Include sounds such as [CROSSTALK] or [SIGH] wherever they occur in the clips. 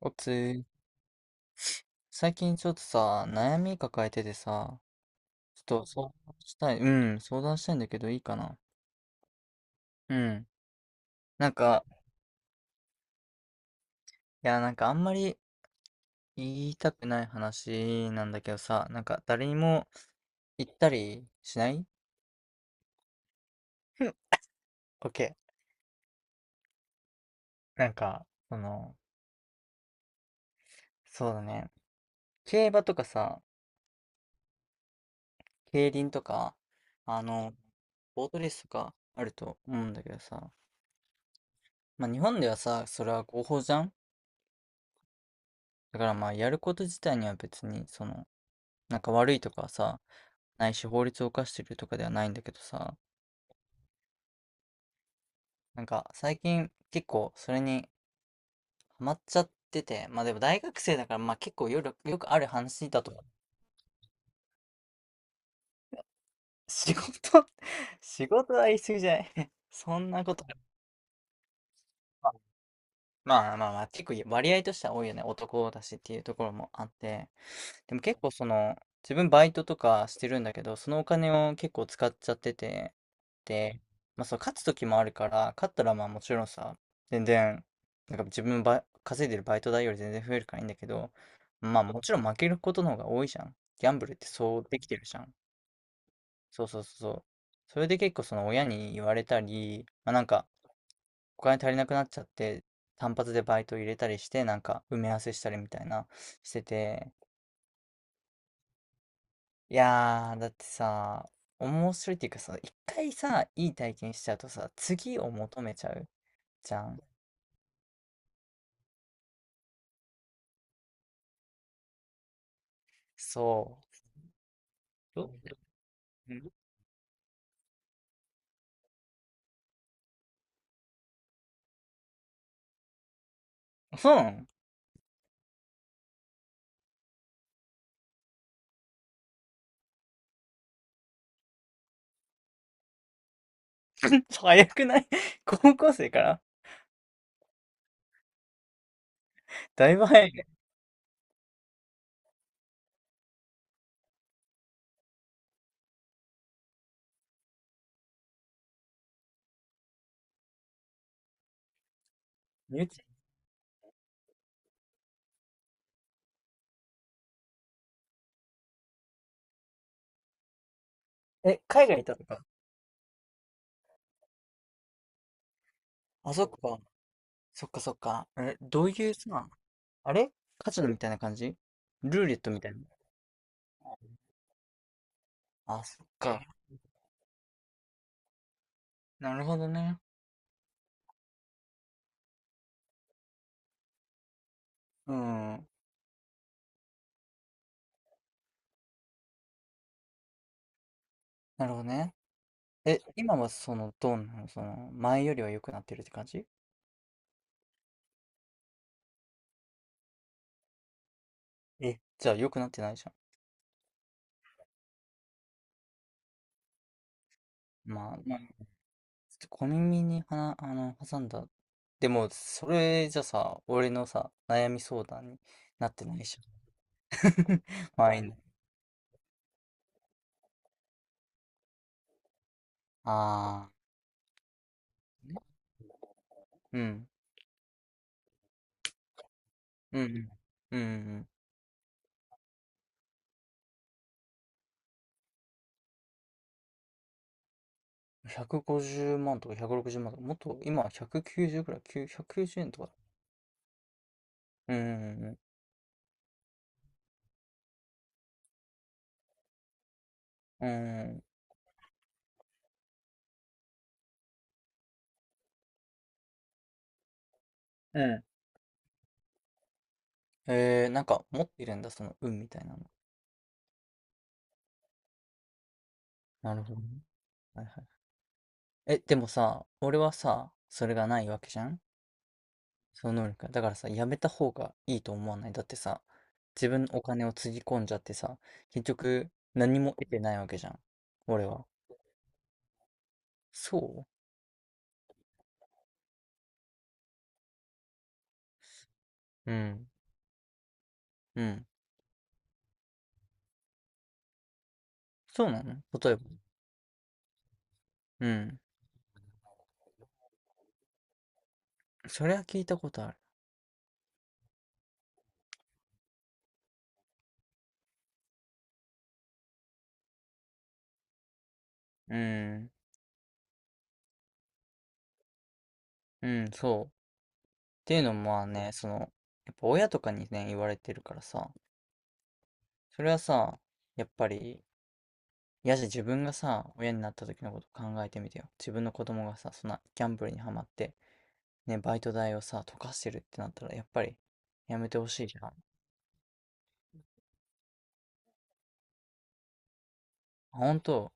おつー、最近ちょっとさ、悩み抱えててさ、ちょっとしたい、う相談したいんだけどいいかな？うん。なんか、いや、なんかあんまり言いたくない話なんだけどさ、なんか誰にも言ったりしない？ OK。なんか、その、そうだね。競馬とかさ、競輪とか、あの、ボートレースとかあると思うんだけどさ、まあ日本ではさ、それは合法じゃん。だからまあやること自体には別にそのなんか悪いとかさ、ないし法律を犯してるとかではないんだけどさ、なんか最近結構それにハマっちゃってて、まあでも大学生だからまあ結構よくある話だと思う。仕事。 [LAUGHS] 仕事は言い過ぎじゃない？ [LAUGHS] そんなこと。まあまあまあ、結構割合としては多いよね。男だしっていうところもあって。でも結構その、自分バイトとかしてるんだけど、そのお金を結構使っちゃってて、で、まあそう、勝つ時もあるから、勝ったらまあもちろんさ、全然、なんか自分ば稼いでるバイト代より全然増えるからいいんだけど、まあもちろん負けることの方が多いじゃん。ギャンブルってそうできてるじゃん。そうそうそうそう。それで結構その親に言われたり、まあなんか、お金足りなくなっちゃって、単発でバイト入れたりして、なんか埋め合わせしたりみたいなしてて、いやー、だってさ、面白いっていうかさ、一回さ、いい体験しちゃうとさ、次を求めちゃうじゃん。そう。どう、そうなの？ [LAUGHS] 早くない？ [LAUGHS] 高校生から？だいぶ早いね。身内。え、海外行ったとか？あ、そっか。そっかそっか。え、どういうさ、あれ、カジノみたいな感じ？ルーレットみたいな。あ、そっか。なるほどね。うん。なるほどね。え、今はその、どうなのその、前よりは良くなってるって感じ？え、じゃあ良くなってないじゃん。まあ、まあちょっと小耳にはな、あの、挟んだ。でも、それじゃさ、俺のさ、悩み相談になってないじゃん。[LAUGHS] まあいいの。ああ、うん。うん。うん。うん。150万とか160万とか、もっと、今190くきゅうじゅうくらい、9 190円とかだ。うん。うん。うん。うんなんか持ってるんだ、その運みたいなの。なるほどね。はいはい。え、でもさ、俺はさ、それがないわけじゃん。その能力が。だからさ、やめた方がいいと思わない？だってさ、自分のお金をつぎ込んじゃってさ、結局何も得てないわけじゃん。俺は。そう、うん。うん。そうなの？例えば？うん。それは聞いたことある。うん。うん、そう。っていうのもまあね、その、やっぱ親とかにね、言われてるからさ、それはさ、やっぱり、自分がさ、親になった時のこと考えてみてよ。自分の子供がさ、そんなギャンブルにはまって、ね、バイト代をさ、溶かしてるってなったら、やっぱりやめてほしいじゃん。あ、本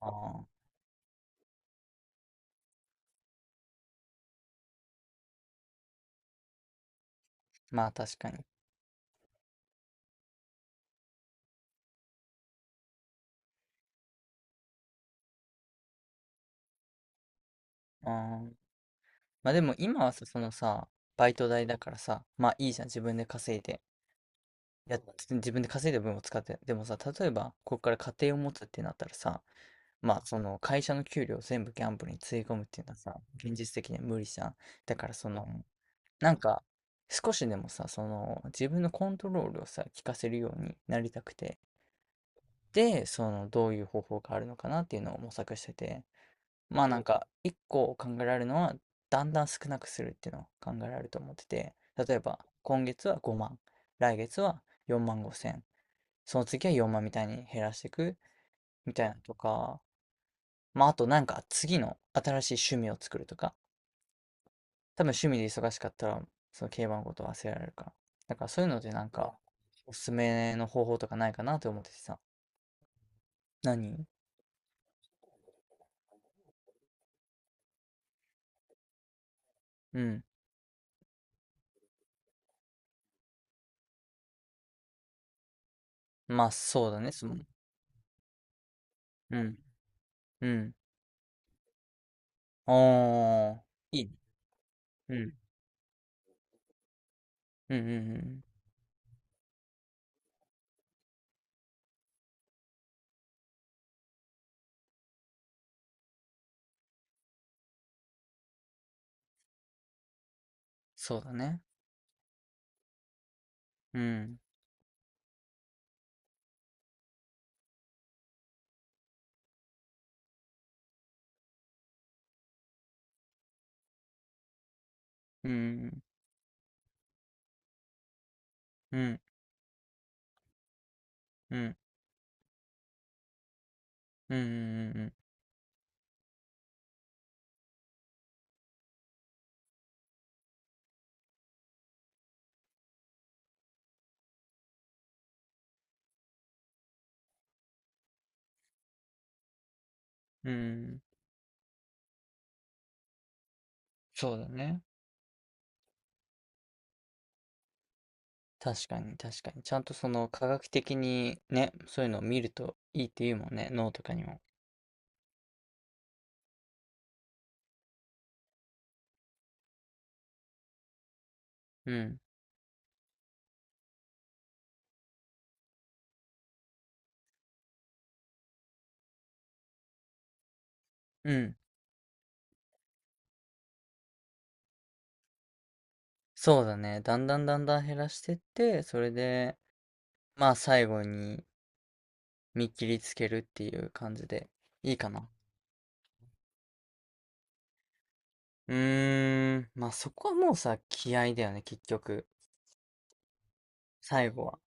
当？ああ。まあ確かに。あー、まあでも今はさ、そのさ、バイト代だからさ、まあいいじゃん。自分で稼いで。やっ、自分で稼いだ分を使って。でもさ、例えば、ここから家庭を持つってなったらさ、まあその会社の給料を全部ギャンブルにつぎ込むっていうのはさ、現実的には無理じゃん。だからその、なんか、少しでもさ、その、自分のコントロールをさ、効かせるようになりたくて、で、その、どういう方法があるのかなっていうのを模索してて、まあなんか、一個考えられるのは、だんだん少なくするっていうのを考えられると思ってて、例えば、今月は5万、来月は4万5千、その次は4万みたいに減らしていくみたいなとか、まああとなんか次の新しい趣味を作るとか、多分趣味で忙しかったら、その競馬のこと忘れられるから。だからそういうのでなんか、おすすめの方法とかないかなって思っててさ。何？うん。まあそうだね、その、うん、うん。おー、いいね。うん、うん、うん、うん。そうだね。うん、うん、うん、うん、うん、うん、うん、うん。そうだね。確かに、確かに。ちゃんとその科学的にね、そういうのを見るといいっていうもんね、脳とかにも。うん、うん。そうだね。だんだんだんだん減らしてって、それで、まあ最後に見切りつけるっていう感じでいいかな。うーん、まあそこはもうさ、気合だよね、結局。最後は。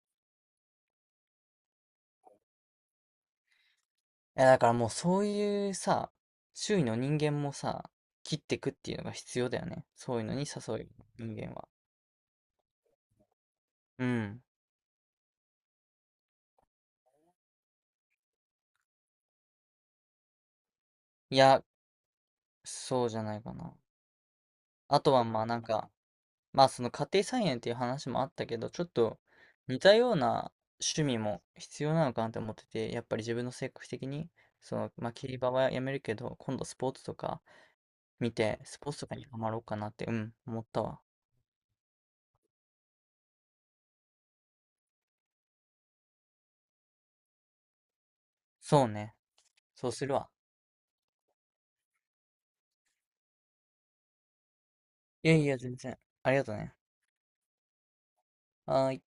いやだからもうそういうさ、周囲の人間もさ、切ってくっていうのが必要だよね。そういうのに誘う人間は。うん。いや、そうじゃないかな。あとはまあなんか、まあその家庭菜園っていう話もあったけど、ちょっと似たような趣味も必要なのかなって思ってて、やっぱり自分の性格的に、その、まあ競馬はやめるけど、今度スポーツとか見て、スポーツとかにハマろうかなって、うん、思ったわ。そうね。そうするわ。いやいや、全然。ありがとね。はーい。